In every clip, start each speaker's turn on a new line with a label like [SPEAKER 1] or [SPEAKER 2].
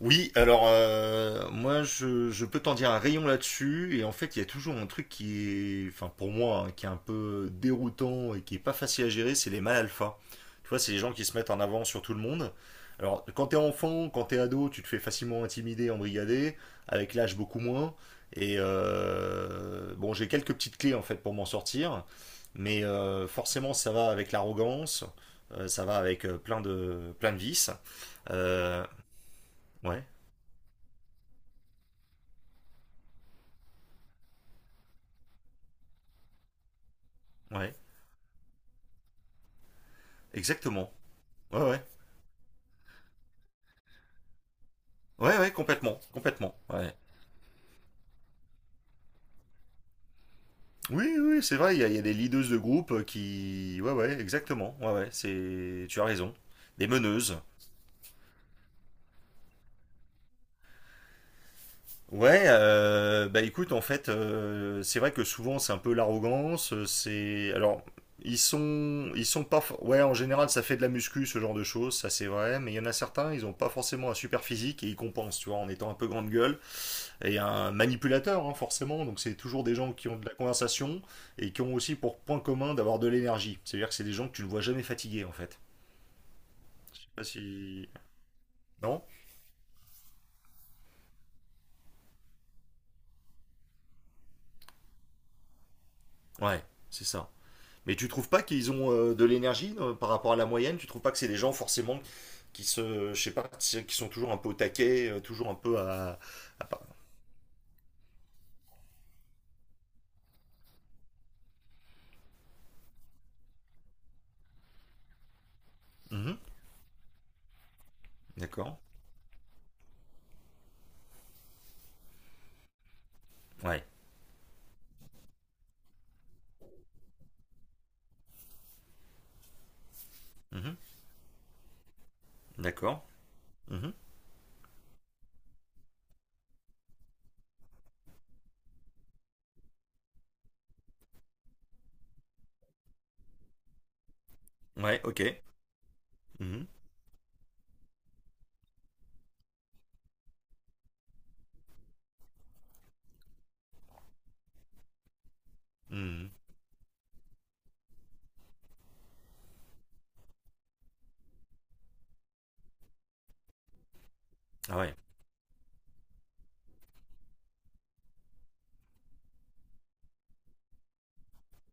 [SPEAKER 1] Oui, alors moi je peux t'en dire un rayon là-dessus et en fait il y a toujours un truc qui est, enfin pour moi, hein, qui est un peu déroutant et qui est pas facile à gérer, c'est les mâles alpha. Tu vois, c'est les gens qui se mettent en avant sur tout le monde. Alors quand t'es enfant, quand t'es ado, tu te fais facilement intimider, embrigader, avec l'âge beaucoup moins. Et bon, j'ai quelques petites clés en fait pour m'en sortir, mais forcément ça va avec l'arrogance, ça va avec plein de vices. Euh, ouais. Ouais. Exactement. Ouais, ouais. Ouais, ouais, complètement. Complètement. Ouais. Oui, oui, c'est vrai, il y a des leaders de groupe qui. Ouais, ouais, exactement. Ouais, ouais, c'est. Tu as raison. Des meneuses. Ouais, bah écoute, en fait, c'est vrai que souvent c'est un peu l'arrogance. C'est. Alors, ils sont. Ils sont pas. Ouais, en général, ça fait de la muscu, ce genre de choses, ça c'est vrai. Mais il y en a certains, ils ont pas forcément un super physique et ils compensent, tu vois, en étant un peu grande gueule. Et un manipulateur, hein, forcément. Donc, c'est toujours des gens qui ont de la conversation et qui ont aussi pour point commun d'avoir de l'énergie. C'est-à-dire que c'est des gens que tu ne vois jamais fatigués, en fait. Je sais pas si. Non. Ouais, c'est ça. Mais tu trouves pas qu'ils ont de l'énergie par rapport à la moyenne. Tu trouves pas que c'est des gens, forcément, qui se. Je sais pas, qui sont toujours un peu au taquet, toujours un peu à. Mhm, d'accord. Ouais. Mhm, d'accord. Mhm, ouais, ok. Mhm, mhm. Ah ouais.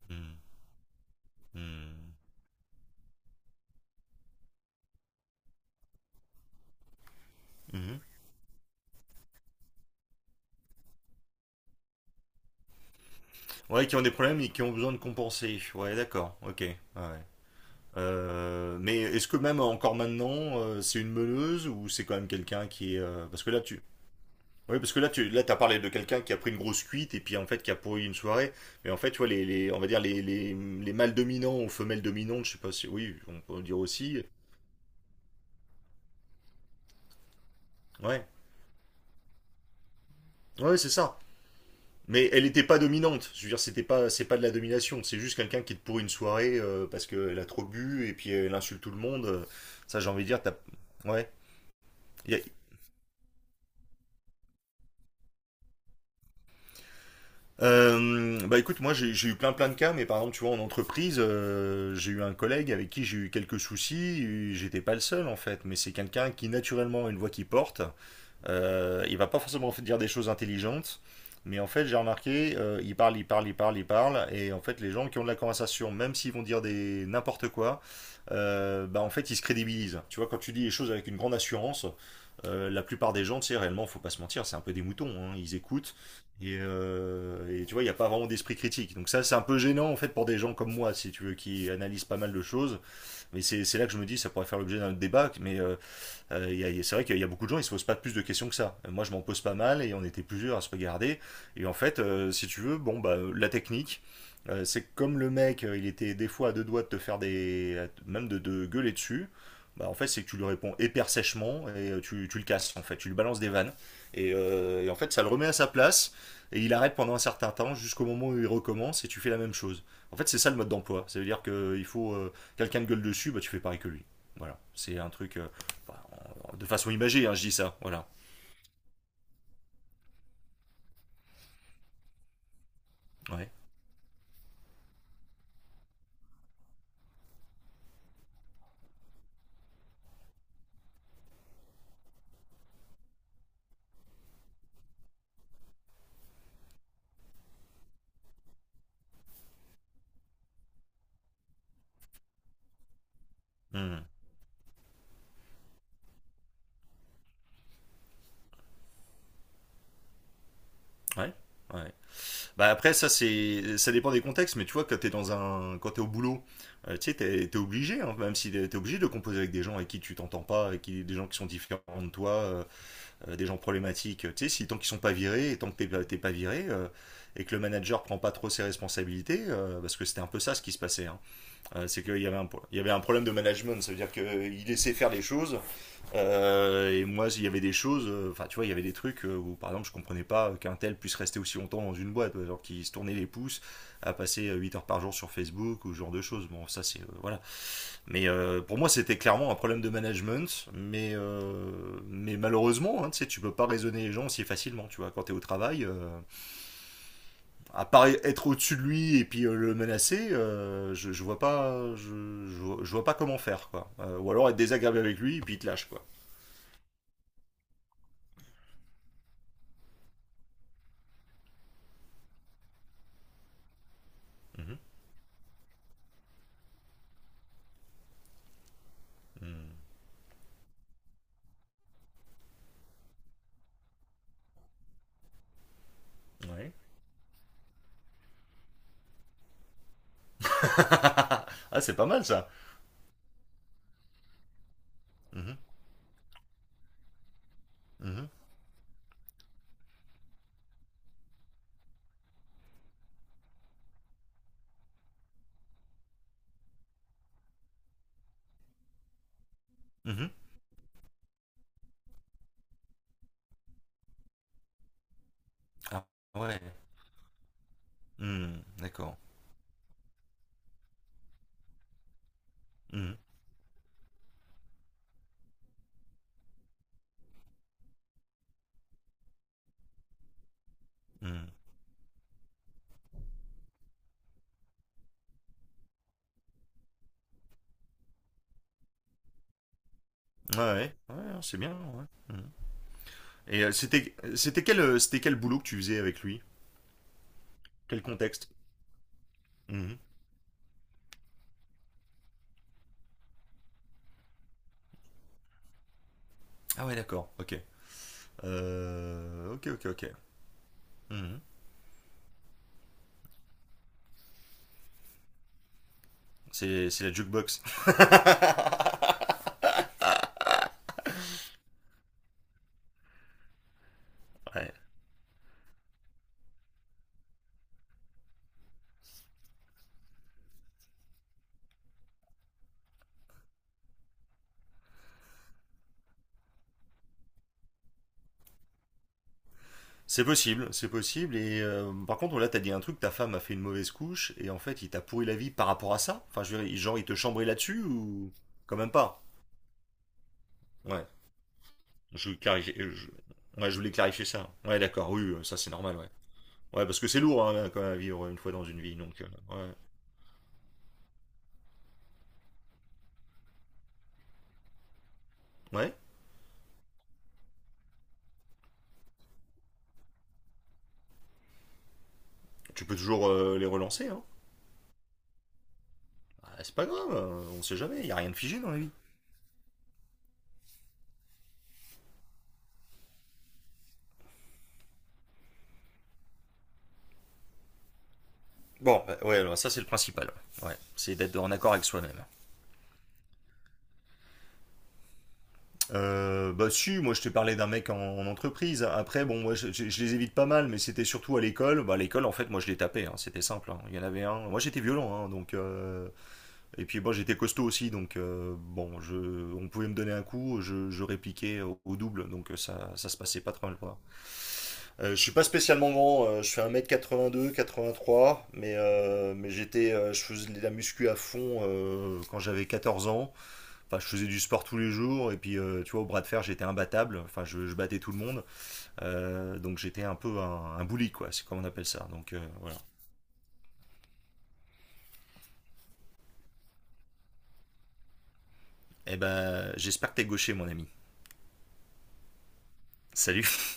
[SPEAKER 1] Mhm, mhm, mhm. Ouais, qui ont des problèmes et qui ont besoin de compenser. Ouais, d'accord, ok. Ouais. Mais est-ce que même encore maintenant, c'est une meuleuse ou c'est quand même quelqu'un qui est. Parce que là, tu. Oui, parce que là, t'as parlé de quelqu'un qui a pris une grosse cuite et puis en fait qui a pourri une soirée. Mais en fait, tu vois, on va dire les mâles dominants ou femelles dominantes, je sais pas si. Oui, on peut dire aussi. Ouais, ouais, c'est ça. Mais elle n'était pas dominante. Je veux dire, c'était pas, c'est pas de la domination. C'est juste quelqu'un qui est pour une soirée parce qu'elle a trop bu et puis elle insulte tout le monde. Ça, j'ai envie de dire, t'as. Ouais. Y a- Bah écoute, moi j'ai eu plein plein de cas, mais par exemple, tu vois, en entreprise, j'ai eu un collègue avec qui j'ai eu quelques soucis. Et j'étais pas le seul en fait, mais c'est quelqu'un qui naturellement a une voix qui porte. Il va pas forcément dire des choses intelligentes, mais en fait, j'ai remarqué, il parle, il parle, il parle, il parle, et en fait, les gens qui ont de la conversation, même s'ils vont dire des n'importe quoi, bah en fait, ils se crédibilisent. Tu vois, quand tu dis les choses avec une grande assurance, la plupart des gens, tu sais, réellement, faut pas se mentir, c'est un peu des moutons, hein, ils écoutent, et tu vois, il n'y a pas vraiment d'esprit critique. Donc ça, c'est un peu gênant, en fait, pour des gens comme moi, si tu veux, qui analysent pas mal de choses, mais c'est là que je me dis, ça pourrait faire l'objet d'un débat, mais euh, c'est vrai qu'il y a beaucoup de gens, ils se posent pas plus de questions que ça. Moi, je m'en pose pas mal et on était plusieurs à se regarder. Et en fait, si tu veux, bon, bah, la technique, c'est comme le mec, il était des fois à deux doigts de te faire des. Même de gueuler dessus. Bah, en fait, c'est que tu lui réponds hyper sèchement et tu le casses, en fait. Tu lui balances des vannes. Et en fait, ça le remet à sa place et il arrête pendant un certain temps jusqu'au moment où il recommence et tu fais la même chose. En fait, c'est ça le mode d'emploi. Ça veut dire que il faut. Quelqu'un de gueule dessus, bah, tu fais pareil que lui. Voilà. C'est un truc. Bah, bon, de façon imagée, hein, je dis ça, voilà. Ouais. Hmm. Ouais. Ouais. Bah après, ça c'est ça dépend des contextes, mais tu vois quand t'es dans un quand t'es au boulot. Tu sais t'es obligé, hein, même si t'es obligé de composer avec des gens avec qui tu t'entends pas, avec qui des gens qui sont différents de toi. Euh, des gens problématiques, tu sais, si tant qu'ils sont pas virés et tant que t'es pas viré. Euh, et que le manager prend pas trop ses responsabilités, parce que c'était un peu ça ce qui se passait, hein. C'est qu'il y avait il y avait un problème de management, ça veut dire que il laissait faire les choses. Et moi, il y avait des choses, enfin, tu vois, il y avait des trucs, où, par exemple, je comprenais pas qu'un tel puisse rester aussi longtemps dans une boîte, alors qu'il se tournait les pouces à passer 8 heures par jour sur Facebook ou ce genre de choses. Bon, ça, c'est. Voilà. Mais pour moi, c'était clairement un problème de management, mais malheureusement, hein, tu sais, tu peux pas raisonner les gens si facilement, tu vois, quand t'es au travail. À part être au-dessus de lui et puis le menacer, je vois pas, je vois pas comment faire, quoi. Ou alors être désagréable avec lui et puis il te lâche, quoi. Mhm. Mm. Ouais. Ah, c'est pas mal ça. Mhm, mhm, mhm. Ah ouais. Hmm, d'accord. Mhm, mhm. Ouais, ouais, ouais, c'est bien. Ouais. Mhm. Et c'était quel boulot que tu faisais avec lui? Quel contexte? Mhm. Ah ouais, d'accord. Ok. Ok, ok, ok. Mhm. C'est la jukebox. Ouais. C'est possible, c'est possible. Et par contre, là, t'as dit un truc, ta femme a fait une mauvaise couche, et en fait, il t'a pourri la vie par rapport à ça? Enfin, je veux dire, genre, il te chambrait là-dessus ou quand même pas? Ouais. Ouais, je voulais clarifier ça. Ouais, d'accord, oui, ça c'est normal, ouais. Ouais, parce que c'est lourd, hein, quand même à vivre une fois dans une vie, donc ouais. Ouais, tu peux toujours les relancer, hein. Ah, c'est pas grave, on sait jamais, y a rien de figé dans la vie. Bon, bah, ouais, alors, ça c'est le principal. Ouais, c'est d'être en accord avec soi-même. Bah si, moi je t'ai parlé d'un mec en entreprise. Après, bon, moi je les évite pas mal, mais c'était surtout à l'école. Bah à l'école, en fait, moi je les tapais, hein, c'était simple. Hein. Il y en avait un. Moi j'étais violent, hein, donc. Euh, Et puis bon, j'étais costaud aussi, donc bon, je, on pouvait me donner un coup, je répliquais au double, donc ça se passait pas trop mal. Quoi. Je suis pas spécialement grand, je fais 1,82 m, 83, mais je faisais de la muscu à fond, quand j'avais 14 ans. Enfin, je faisais du sport tous les jours, et puis tu vois, au bras de fer, j'étais imbattable, enfin, je battais tout le monde. Donc j'étais un peu un bully, quoi, c'est comme on appelle ça. Donc voilà. Eh ben, j'espère que t'es gaucher, mon ami. Salut!